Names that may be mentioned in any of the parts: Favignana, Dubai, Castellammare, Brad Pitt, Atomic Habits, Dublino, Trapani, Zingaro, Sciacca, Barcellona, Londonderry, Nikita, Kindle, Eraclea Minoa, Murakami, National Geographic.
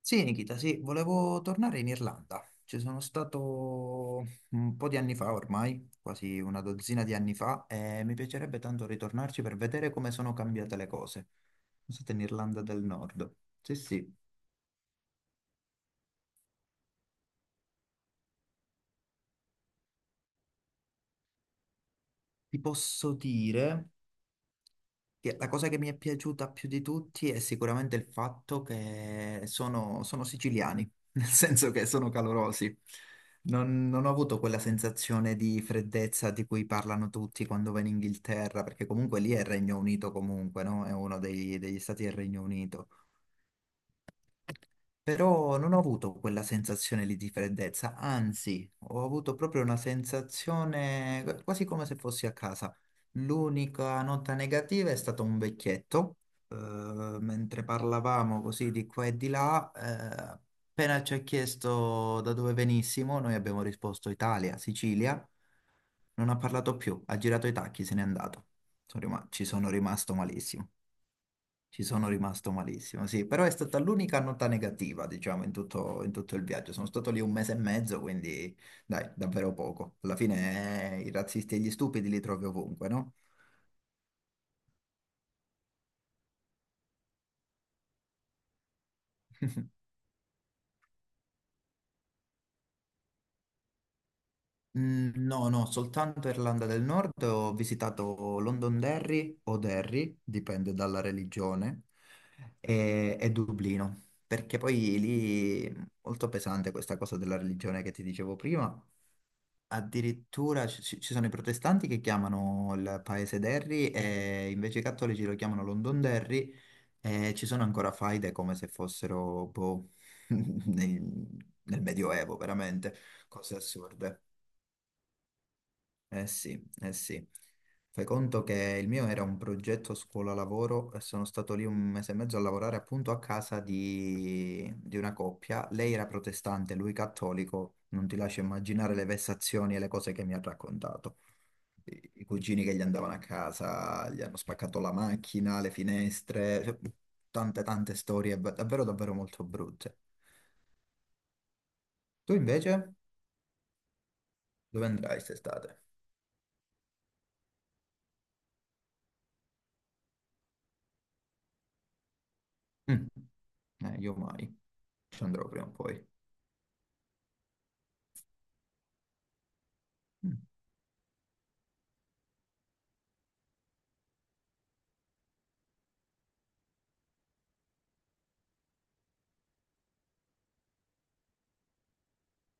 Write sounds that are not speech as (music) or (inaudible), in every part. Sì, Nikita, sì, volevo tornare in Irlanda. Ci sono stato un po' di anni fa ormai, quasi una dozzina di anni fa, e mi piacerebbe tanto ritornarci per vedere come sono cambiate le cose. Sono stato in Irlanda del Nord. Sì, sì. Ti posso dire Sì, la cosa che mi è piaciuta più di tutti è sicuramente il fatto che sono siciliani, (laughs) nel senso che sono calorosi. Non ho avuto quella sensazione di freddezza di cui parlano tutti quando vanno in Inghilterra, perché comunque lì è il Regno Unito comunque, no? È uno degli stati del Regno Unito. Però non ho avuto quella sensazione lì di freddezza, anzi, ho avuto proprio una sensazione quasi come se fossi a casa. L'unica nota negativa è stato un vecchietto, mentre parlavamo così di qua e di là, appena ci ha chiesto da dove venissimo, noi abbiamo risposto Italia, Sicilia, non ha parlato più, ha girato i tacchi, se n'è andato. Ci sono rimasto malissimo. Ci sono rimasto malissimo, sì, però è stata l'unica nota negativa, diciamo, in tutto il viaggio. Sono stato lì un mese e mezzo, quindi dai, davvero poco. Alla fine i razzisti e gli stupidi li trovi ovunque, no? Mm, no, no, soltanto Irlanda del Nord. Ho visitato Londonderry o Derry, dipende dalla religione, e Dublino, perché poi lì molto pesante questa cosa della religione che ti dicevo prima. Addirittura ci sono i protestanti che chiamano il paese Derry e invece i cattolici lo chiamano Londonderry e ci sono ancora faide come se fossero boh, (laughs) nel, nel Medioevo, veramente, cose assurde. Eh sì, eh sì. Fai conto che il mio era un progetto scuola-lavoro e sono stato lì un mese e mezzo a lavorare appunto a casa di una coppia. Lei era protestante, lui cattolico. Non ti lascio immaginare le vessazioni e le cose che mi ha raccontato. I cugini che gli andavano a casa, gli hanno spaccato la macchina, le finestre, cioè, tante tante storie davvero davvero molto brutte. Tu invece dove andrai quest'estate? Mm. Io mai, ci andrò prima o poi. Mm.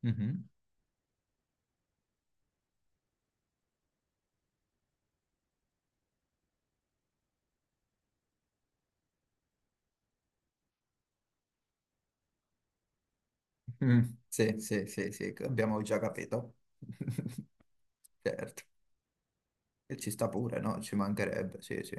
Mhm. Mm, sì, sì, sì, sì, che abbiamo già capito. (laughs) Certo, e ci sta pure, no? Ci mancherebbe, sì, sì,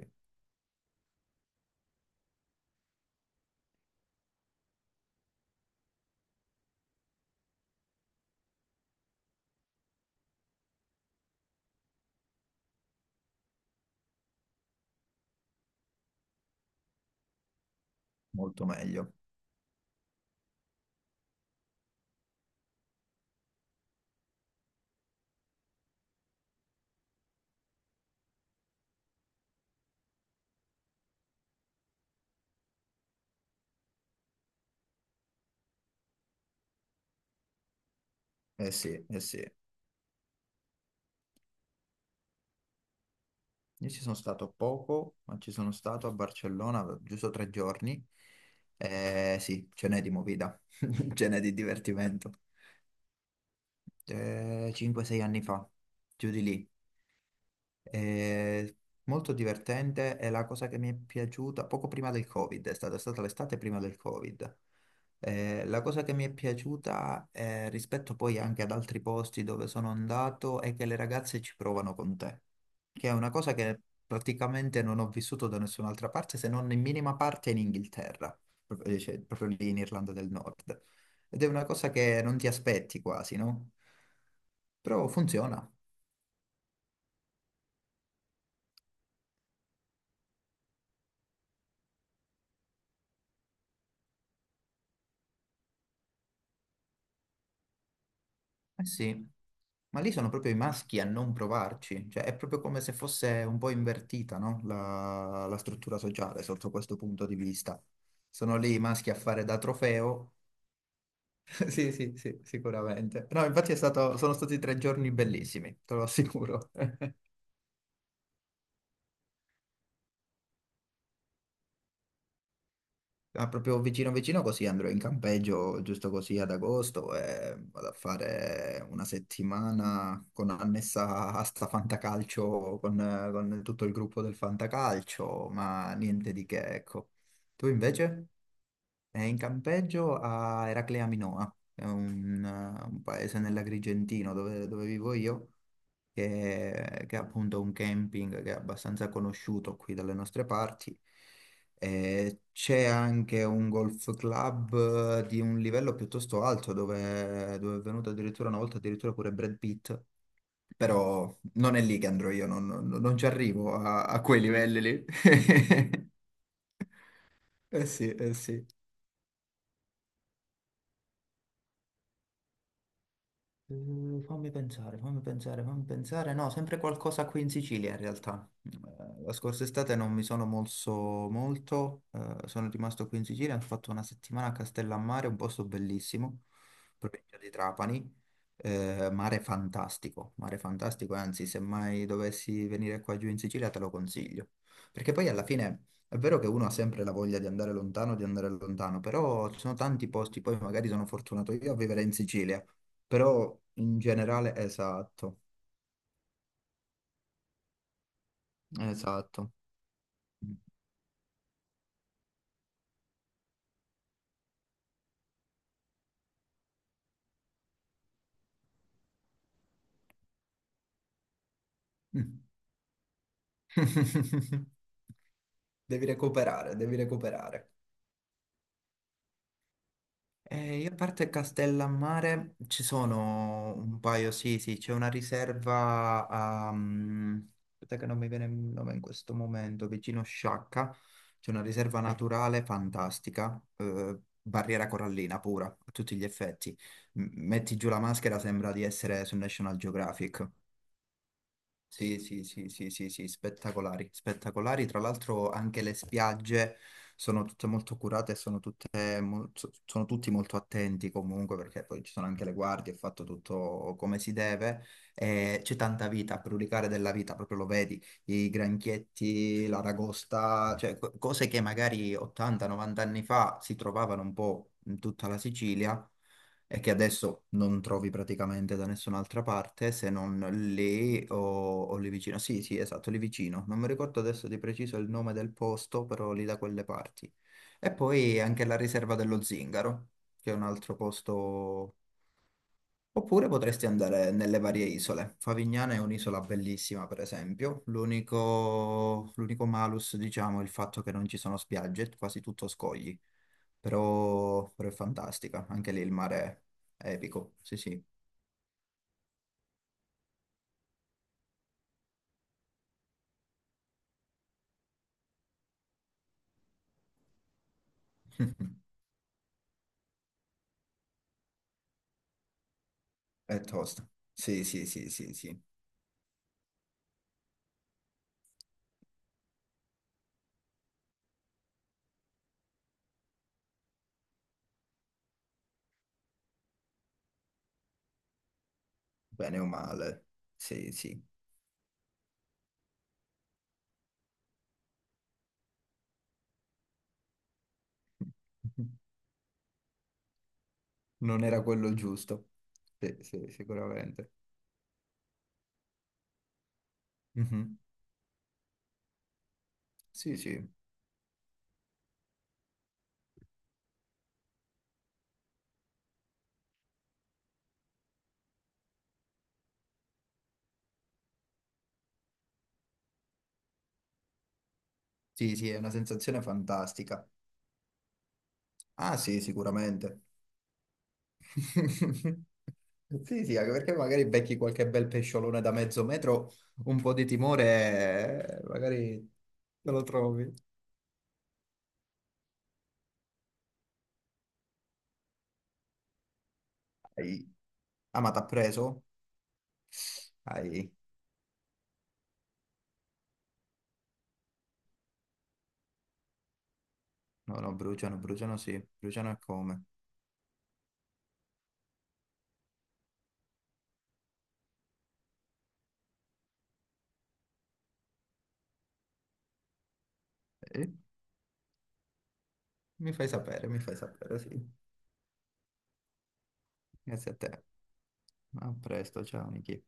molto meglio. Eh sì, eh sì. Io ci sono stato poco, ma ci sono stato a Barcellona giusto tre giorni. Eh sì, ce n'è di movida, (laughs) ce n'è di divertimento. 5-6 anni fa, giù di lì. È molto divertente, è la cosa che mi è piaciuta poco prima del Covid, è stata l'estate prima del Covid. La cosa che mi è piaciuta rispetto poi anche ad altri posti dove sono andato è che le ragazze ci provano con te, che è una cosa che praticamente non ho vissuto da nessun'altra parte se non in minima parte in Inghilterra, proprio, cioè, proprio lì in Irlanda del Nord. Ed è una cosa che non ti aspetti quasi, no? Però funziona. Eh sì, ma lì sono proprio i maschi a non provarci, cioè è proprio come se fosse un po' invertita, no? La struttura sociale sotto questo punto di vista. Sono lì i maschi a fare da trofeo. (laughs) Sì, sì, sì, sicuramente. No, infatti sono stati tre giorni bellissimi, te lo assicuro. (laughs) Ah, proprio vicino vicino così andrò in campeggio giusto così ad agosto e vado a fare una settimana con annessa a sta fantacalcio con tutto il gruppo del fantacalcio, ma niente di che, ecco. Tu invece? È in campeggio a Eraclea Minoa, è un paese nell'Agrigentino dove vivo io che è appunto un camping che è abbastanza conosciuto qui dalle nostre parti. E c'è anche un golf club di un livello piuttosto alto dove è venuto addirittura una volta addirittura pure Brad Pitt. Però non è lì che andrò io, non ci arrivo a quei livelli lì. (laughs) Eh sì, eh sì. Fammi pensare, fammi pensare, fammi pensare. No, sempre qualcosa qui in Sicilia in realtà. La scorsa estate non mi sono mosso molto, sono rimasto qui in Sicilia, ho fatto una settimana a Castellammare, un posto bellissimo, provincia di Trapani. Mare fantastico, mare fantastico, anzi, se mai dovessi venire qua giù in Sicilia te lo consiglio. Perché poi alla fine è vero che uno ha sempre la voglia di andare lontano, però ci sono tanti posti, poi magari sono fortunato io a vivere in Sicilia però in generale, esatto, esatto. Mm. (laughs) Devi recuperare, devi recuperare. Io a parte Castellammare ci sono un paio, sì, sì, c'è una riserva a, aspetta che non mi viene il nome in questo momento, vicino Sciacca, c'è una riserva naturale fantastica, barriera corallina pura, a tutti gli effetti. Metti giù la maschera, sembra di essere su National Geographic. Sì, sì, sì, sì, sì, sì, spettacolari, spettacolari. Tra l'altro anche le spiagge sono tutte molto curate e sono tutti molto attenti comunque perché poi ci sono anche le guardie, è fatto tutto come si deve e c'è tanta vita, a brulicare della vita, proprio lo vedi, i granchietti, l'aragosta, cioè cose che magari 80-90 anni fa si trovavano un po' in tutta la Sicilia e che adesso non trovi praticamente da nessun'altra parte se non lì o lì vicino. Sì, sì, esatto, lì vicino. Non mi ricordo adesso di preciso il nome del posto, però lì da quelle parti. E poi anche la riserva dello Zingaro, che è un altro posto. Oppure potresti andare nelle varie isole. Favignana è un'isola bellissima, per esempio. L'unico malus, diciamo, è il fatto che non ci sono spiagge, è quasi tutto scogli. Però è fantastica. Anche lì il mare è epico. Sì, sì. (laughs) È tosta. Sì, sì, sì, sì, sì. Bene o male. Sì, sì. (laughs) Non era quello giusto. Sì, sì, sicuramente. Mhm. Sì, sì. Sì, sì, è una sensazione fantastica. Ah, sì, sicuramente. (laughs) Sì, sì, anche perché magari becchi qualche bel pesciolone da mezzo metro, un po' di timore, magari te lo trovi. Ai. Ah, ma t'ha preso? Ai. No, no, bruciano, bruciano sì, bruciano è come. Eh, mi fai sapere, sì. Grazie a te. A presto, ciao Nichi.